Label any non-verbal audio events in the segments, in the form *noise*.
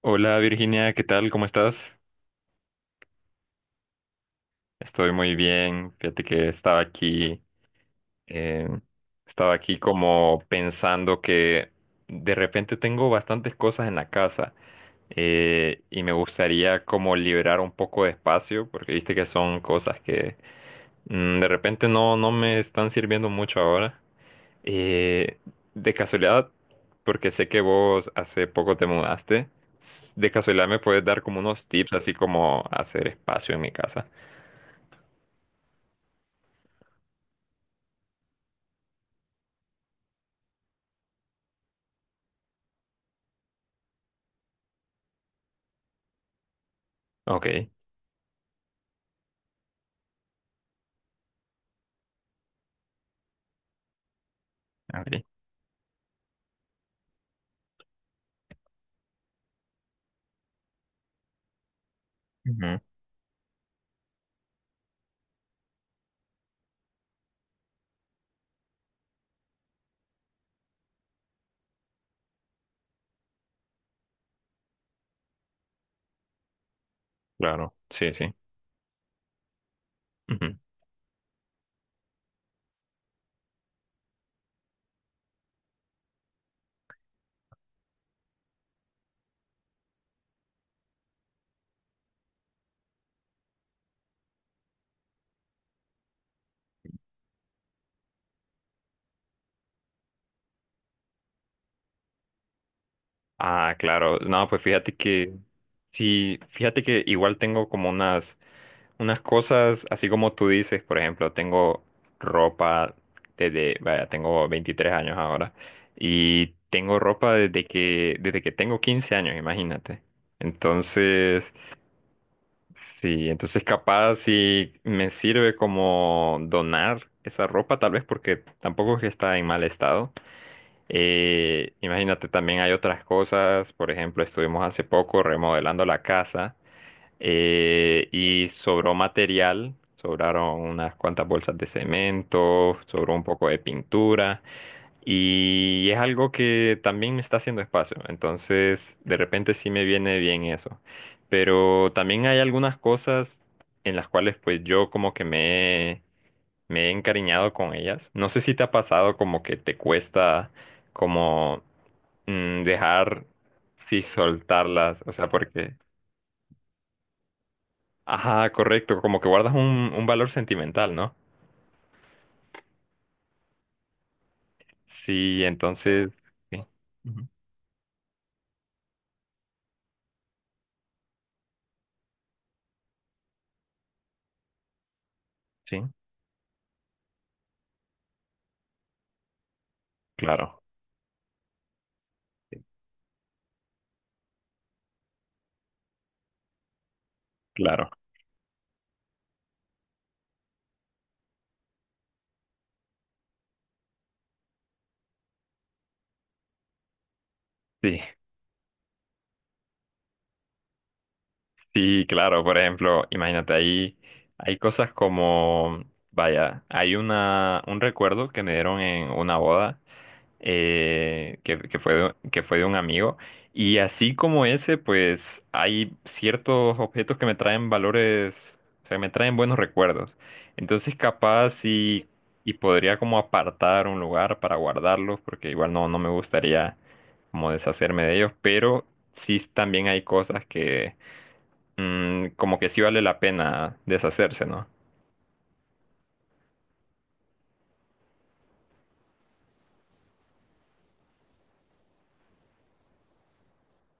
Hola Virginia, ¿qué tal? ¿Cómo estás? Estoy muy bien. Fíjate que eh, estaba aquí como pensando que de repente tengo bastantes cosas en la casa, y me gustaría como liberar un poco de espacio porque viste que son cosas que de repente no me están sirviendo mucho ahora. Eh, de casualidad, porque sé que vos hace poco te mudaste, de casualidad me puedes dar como unos tips, así como hacer espacio en mi casa. Ok, ok. Ujú, claro, sí, sí. Ujú. Ah, claro. No, pues fíjate que, sí, fíjate que igual tengo como unas unas cosas, así como tú dices, por ejemplo, tengo ropa desde, vaya, tengo 23 años ahora y tengo ropa desde que tengo 15 años, imagínate. Entonces, sí, entonces capaz si me sirve como donar esa ropa, tal vez porque tampoco es que está en mal estado. Imagínate, también hay otras cosas, por ejemplo, estuvimos hace poco remodelando la casa. Y sobró material, sobraron unas cuantas bolsas de cemento, sobró un poco de pintura y es algo que también me está haciendo espacio, entonces de repente sí me viene bien eso. Pero también hay algunas cosas en las cuales pues yo como que me he encariñado con ellas. No sé si te ha pasado como que te cuesta como dejar, sí, soltarlas, o sea, porque... Ajá, correcto, como que guardas un valor sentimental, ¿no? Sí, entonces, sí, ujú, sí, claro, sí, claro, sí, sí, claro, por ejemplo, imagínate, ahí hay cosas como, vaya, hay un recuerdo que me dieron en una boda, que fue que fue de un amigo. Y así como ese, pues hay ciertos objetos que me traen valores, o sea, me traen buenos recuerdos. Entonces, y podría como apartar un lugar para guardarlos, porque igual no me gustaría como deshacerme de ellos, pero sí también hay cosas que como que sí vale la pena deshacerse, ¿no?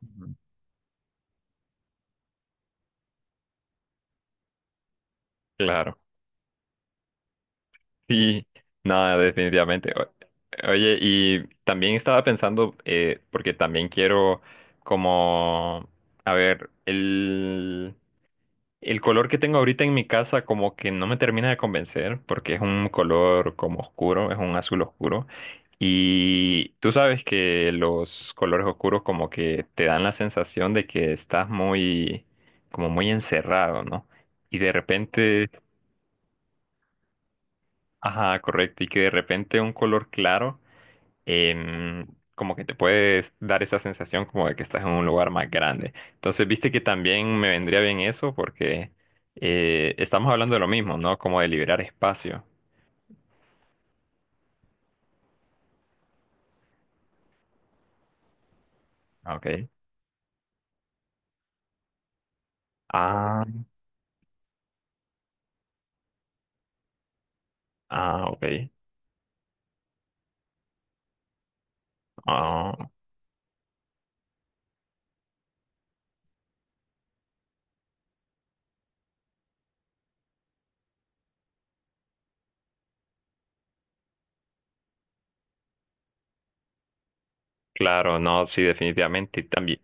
Ujú. Claro. Sí, no, definitivamente. O- Oye, y también estaba pensando, porque también quiero como, a ver, el color que tengo ahorita en mi casa como que no me termina de convencer, porque es un color como oscuro, es un azul oscuro. Y tú sabes que los colores oscuros como que te dan la sensación de que estás muy, como muy encerrado, ¿no? Y de repente, ajá, correcto, y que de repente un color claro em, como que te puedes dar esa sensación como de que estás en un lugar más grande. Entonces, viste que también me vendría bien eso porque, estamos hablando de lo mismo, ¿no? Como de liberar espacio. Ok. Ah, ah, ok. Ah, claro, no, sí, definitivamente. También.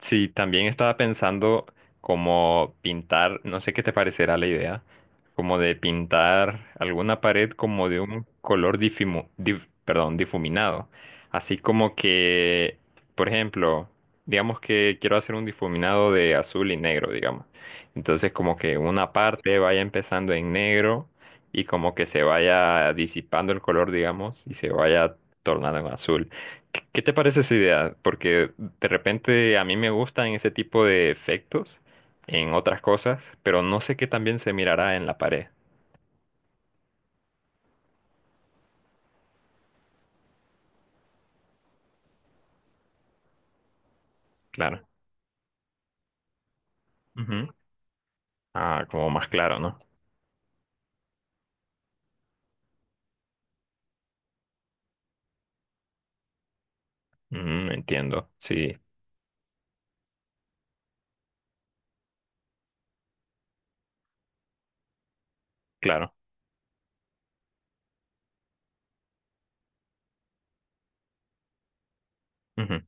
Sí, también estaba pensando como pintar, no sé qué te parecerá la idea, como de pintar alguna pared como de un color perdón, difuminado. Así como que, por ejemplo, digamos que quiero hacer un difuminado de azul y negro, digamos. Entonces como que una parte vaya empezando en negro y como que se vaya disipando el color, digamos, y se vaya tornando en azul. ¿Qué te parece esa idea? Porque de repente a mí me gustan ese tipo de efectos en otras cosas, pero no sé qué también se mirará en la pared. Claro. Ujú. Ah, como más claro, ¿no? Ujú, entiendo. Sí, claro. Ujú.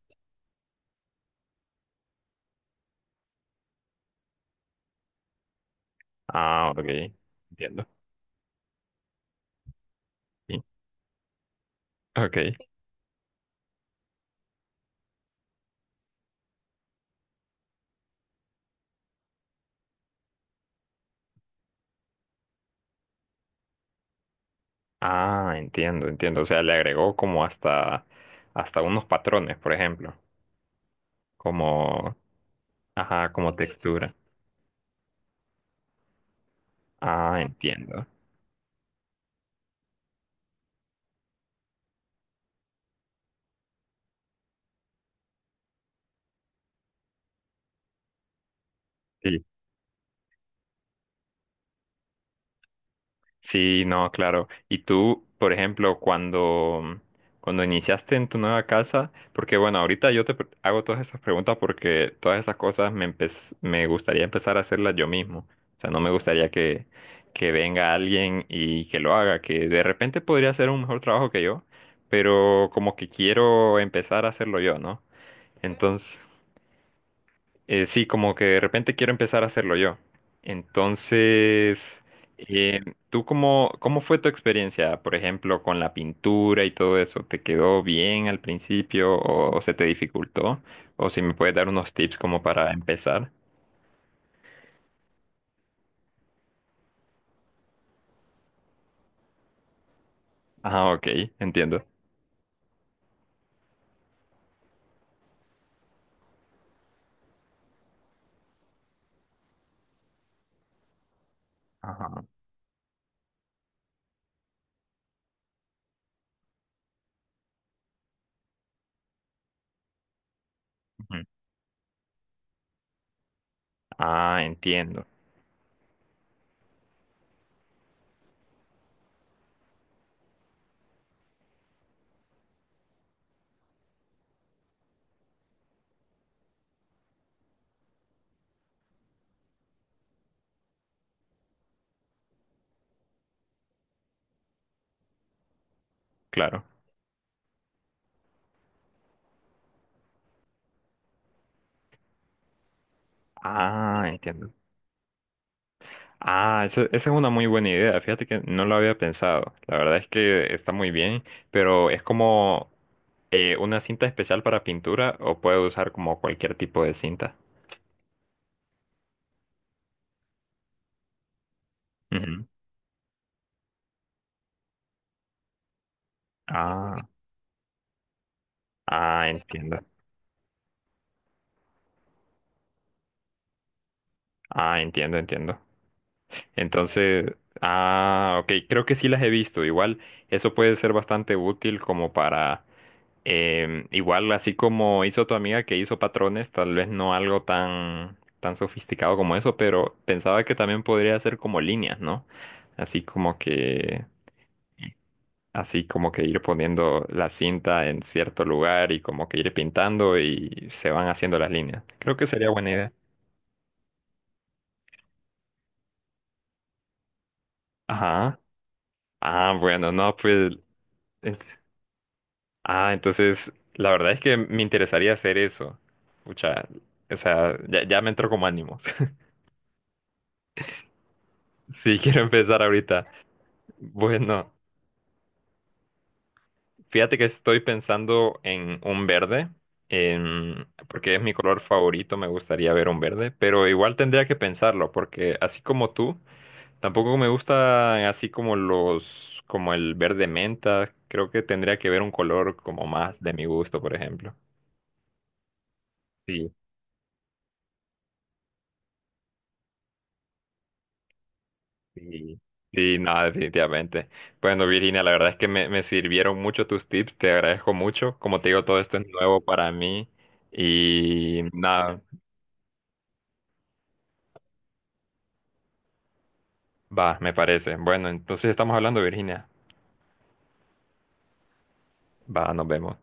Ah, ok. Entiendo. Sí. Ok. Ah, entiendo, entiendo. O sea, le agregó como hasta, hasta unos patrones, por ejemplo. Como, ajá, como textura. Ah, entiendo. Sí. Sí, no, claro. Y tú, por ejemplo, cuando iniciaste en tu nueva casa, porque bueno, ahorita hago todas esas preguntas porque todas esas cosas me gustaría empezar a hacerlas yo mismo. O sea, no me gustaría que venga alguien y que lo haga, que de repente podría hacer un mejor trabajo que yo, pero como que quiero empezar a hacerlo yo, ¿no? Entonces... Sí, como que de repente quiero empezar a hacerlo yo. Entonces, eh, ¿tú cómo fue tu experiencia, por ejemplo, con la pintura y todo eso? ¿Te quedó bien al principio o se te dificultó? O si me puedes dar unos tips como para empezar. Ah, ok, entiendo. Ajá. Ujú. Ah, entiendo, claro. Ah, entiendo. Ah, esa es una muy buena idea. Fíjate que no lo había pensado. La verdad es que está muy bien, pero es como ¿una cinta especial para pintura o puedo usar como cualquier tipo de cinta? Ujú. Ah, ah, entiendo. Ah, entiendo, entiendo. Entonces, ah, ok, creo que sí las he visto. Igual, eso puede ser bastante útil como para, igual así como hizo tu amiga que hizo patrones, tal vez no algo tan, tan sofisticado como eso, pero pensaba que también podría ser como líneas, ¿no? Así como que... Así como que ir poniendo la cinta en cierto lugar y como que ir pintando y se van haciendo las líneas. Creo que sería buena idea. Ajá. Ah, bueno, no, pues... en- Ah, entonces, la verdad es que me interesaría hacer eso. Pucha, o sea, ya, ya me entró como ánimos. *laughs* Sí, quiero empezar ahorita. Bueno, fíjate que estoy pensando en un verde, porque es mi color favorito, me gustaría ver un verde, pero igual tendría que pensarlo, porque así como tú... Tampoco me gusta así como los, como el verde menta. Creo que tendría que ver un color como más de mi gusto, por ejemplo. Sí, sí. Sí, no, definitivamente. Bueno, Virginia, la verdad es que me sirvieron mucho tus tips, te agradezco mucho. Como te digo, todo esto es nuevo para mí y nada, va, me parece. Bueno, entonces estamos hablando, Virginia. Va, nos vemos.